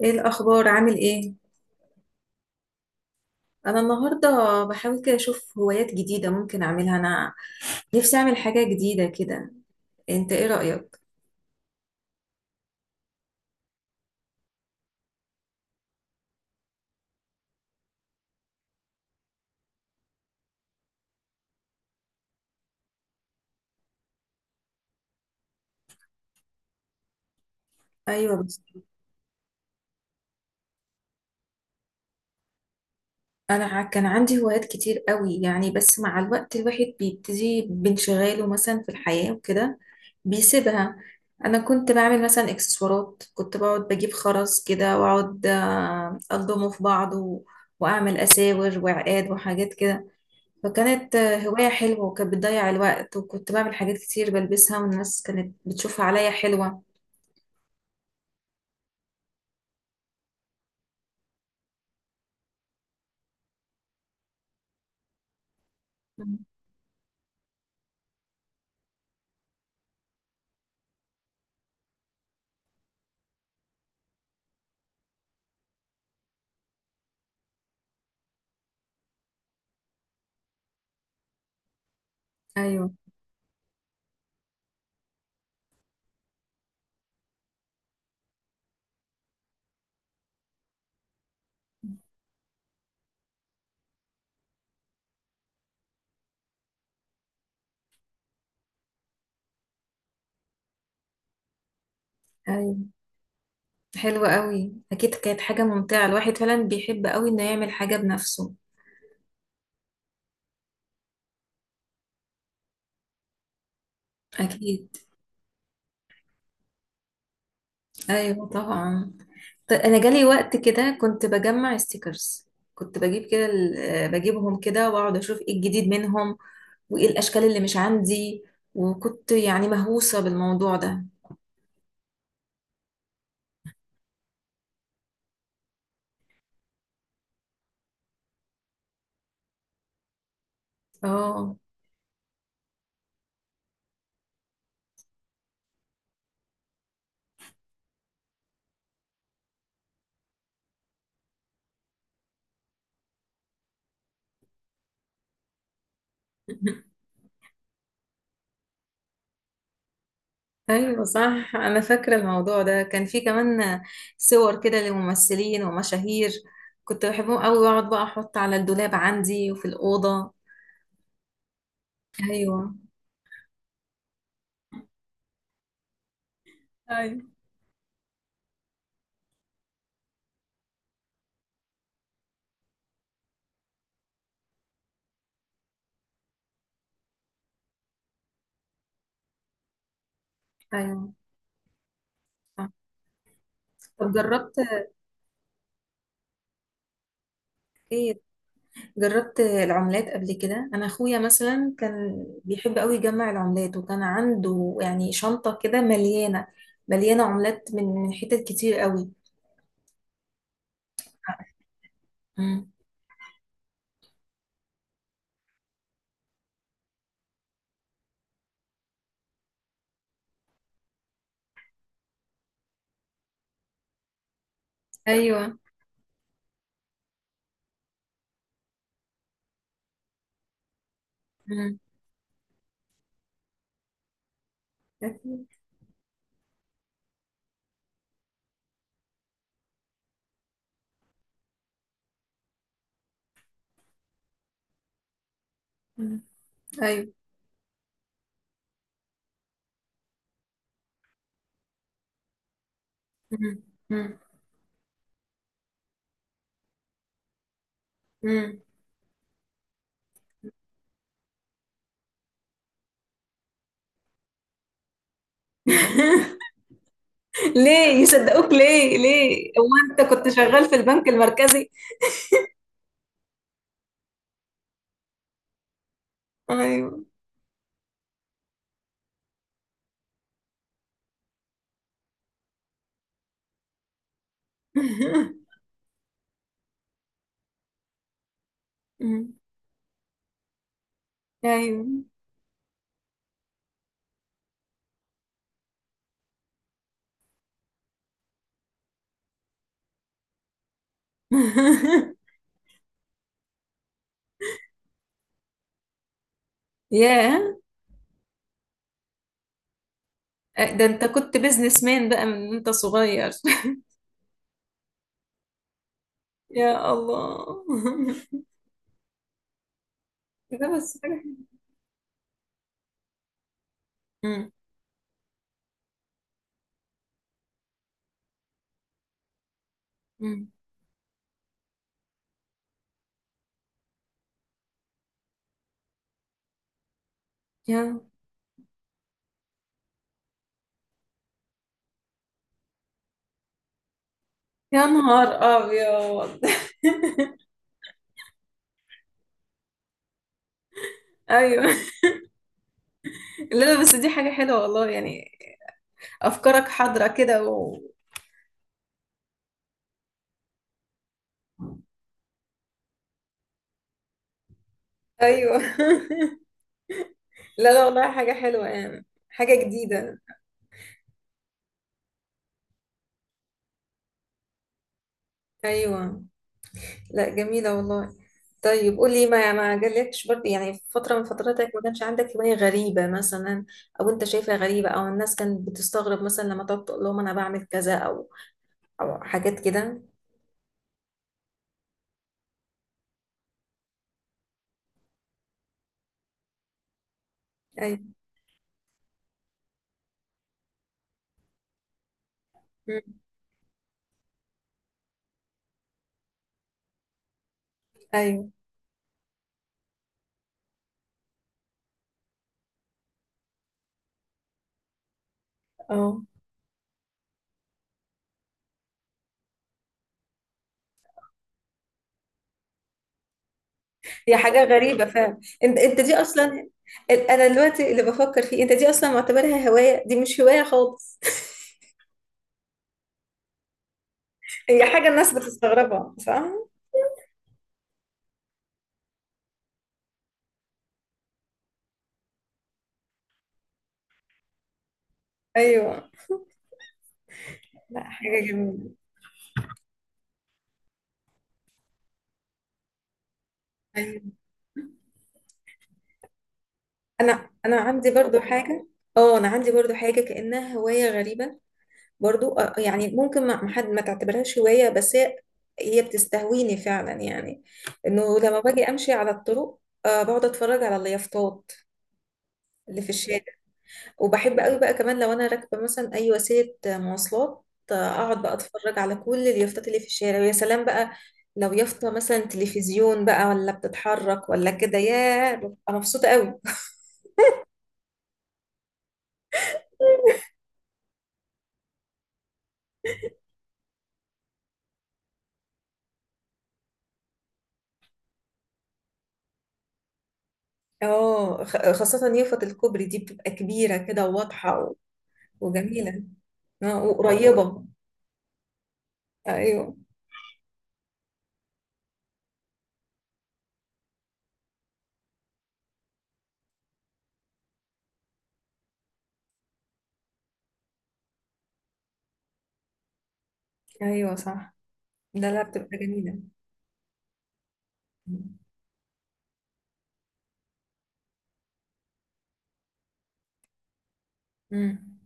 ايه الاخبار؟ عامل ايه؟ انا النهارده بحاول كده اشوف هوايات جديده ممكن اعملها. انا نفسي اعمل حاجه جديده كده. انت ايه رايك؟ ايوه، بس كان عندي هوايات كتير قوي يعني، بس مع الوقت الواحد بيبتدي بانشغاله مثلا في الحياه وكده بيسيبها. انا كنت بعمل مثلا اكسسوارات، كنت بقعد بجيب خرز كده واقعد، الضمه في بعض واعمل اساور وعقاد وحاجات كده. فكانت هواية حلوة، وكانت بتضيع الوقت، وكنت بعمل حاجات كتير بلبسها، والناس كانت بتشوفها عليا حلوة. مم. أيوة، أيوة. حلوة قوي، أكيد كانت حاجة ممتعة. الواحد فعلا بيحب قوي إنه يعمل حاجة بنفسه. أكيد. أيوة طبعا. أنا جالي وقت كده كنت بجمع ستيكرز، كنت بجيب كده بجيبهم كده وأقعد أشوف إيه الجديد منهم، وإيه الأشكال اللي مش عندي، وكنت يعني مهووسة بالموضوع ده. اه. ايوه صح، انا فاكره الموضوع ده كان في كمان صور كده لممثلين ومشاهير. كنت بحبهم قوي واقعد بقى احط على الدولاب عندي وفي الاوضه. ايوه. أيوة. ايوه صح. طب جربت ايه؟ جربت العملات قبل كده. انا اخويا مثلا كان بيحب قوي يجمع العملات، وكان عنده يعني شنطه كده مليانه، مليانه عملات من حتت كتير قوي. مم. ايوه. مم. أكيد. مم. ايوه. مم. مم. مم. ليه يصدقوك؟ ليه هو انت كنت شغال في البنك المركزي؟ ايوه. ايوه. ياه. ده انت كنت بيزنس مان بقى من انت صغير! يا الله. ده بس حاجة حلوة. مم. مم. يا يا نهار ابيض! ايوه، لا لا، بس دي حاجة حلوة والله يعني. افكارك حاضرة كده و. ايوه. لا لا، والله حاجة حلوة يعني. حاجة جديدة. ايوه، لا، جميله والله. طيب، قولي. ما يعني ما جالكش برضه يعني في فتره من فتراتك ما كانش عندك هوايه غريبه مثلا؟ او انت شايفها غريبه، او الناس كانت بتستغرب مثلا لما تقعد تقول لهم انا بعمل كذا، او حاجات كده. ايوه. مم. ايوه. اه. هي حاجه غريبه فعلا. انت دي اصلا، انا دلوقتي اللي بفكر فيه، انت دي اصلا معتبرها هوايه؟ دي مش هوايه خالص. هي حاجه الناس بتستغربها، صح؟ ايوه، لا، حاجه جميله. أيوة. انا عندي برضو حاجه. اه، انا عندي برضو حاجه كانها هوايه غريبه. برضو، يعني ممكن ما حد ما تعتبرهاش هوايه، بس هي بتستهويني فعلا يعني. انه لما باجي امشي على الطرق، بقعد اتفرج على اليافطات اللي في الشارع. وبحب قوي بقى كمان لو انا راكبه مثلا اي وسيله، مواصلات. اقعد بقى اتفرج على كل اليافطات اللي في الشارع، ويا سلام بقى لو يافطه مثلا تلفزيون بقى، ولا بتتحرك ولا كده، يا ببقى مبسوطه قوي. اه، خاصة يافطة الكوبري دي بتبقى كبيرة كده وواضحة وجميلة. اه اه، وقريبة. ايوه. ايوه صح. لا لا، بتبقى جميلة. امم.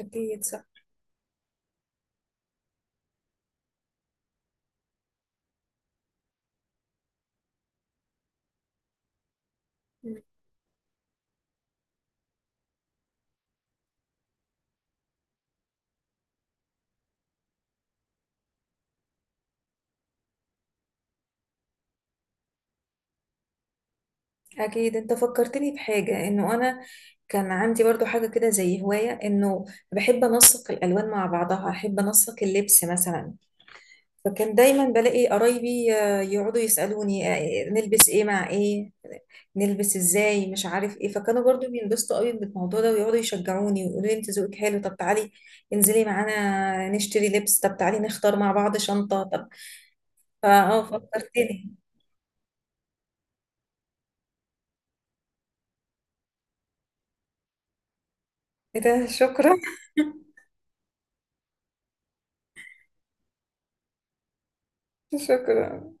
اكيد صح. مم. اكيد، انت فكرتني بحاجة، انه انا كان عندي برضو حاجة كده زي هواية، انه بحب انسق الالوان مع بعضها، احب انسق اللبس مثلا. فكان دايما بلاقي قرايبي، يقعدوا يسألوني، نلبس ايه مع ايه، نلبس ازاي، مش عارف ايه. فكانوا برضو بينبسطوا قوي بالموضوع ده، ويقعدوا يشجعوني ويقولوا لي انت ذوقك حلو، طب تعالي انزلي معانا نشتري لبس، طب تعالي نختار مع بعض شنطة، طب فا فكرتني. ايه ده! شكرا. شكرا.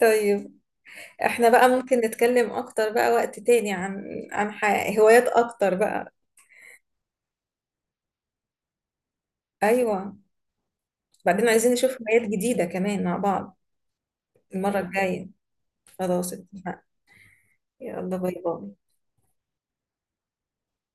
طيب، احنا بقى ممكن نتكلم اكتر بقى وقت تاني عن عن هوايات اكتر بقى. ايوه، بعدين عايزين نشوف هوايات جديدة كمان مع بعض المرة الجاية. خلاص اتفقنا. يلا باي باي.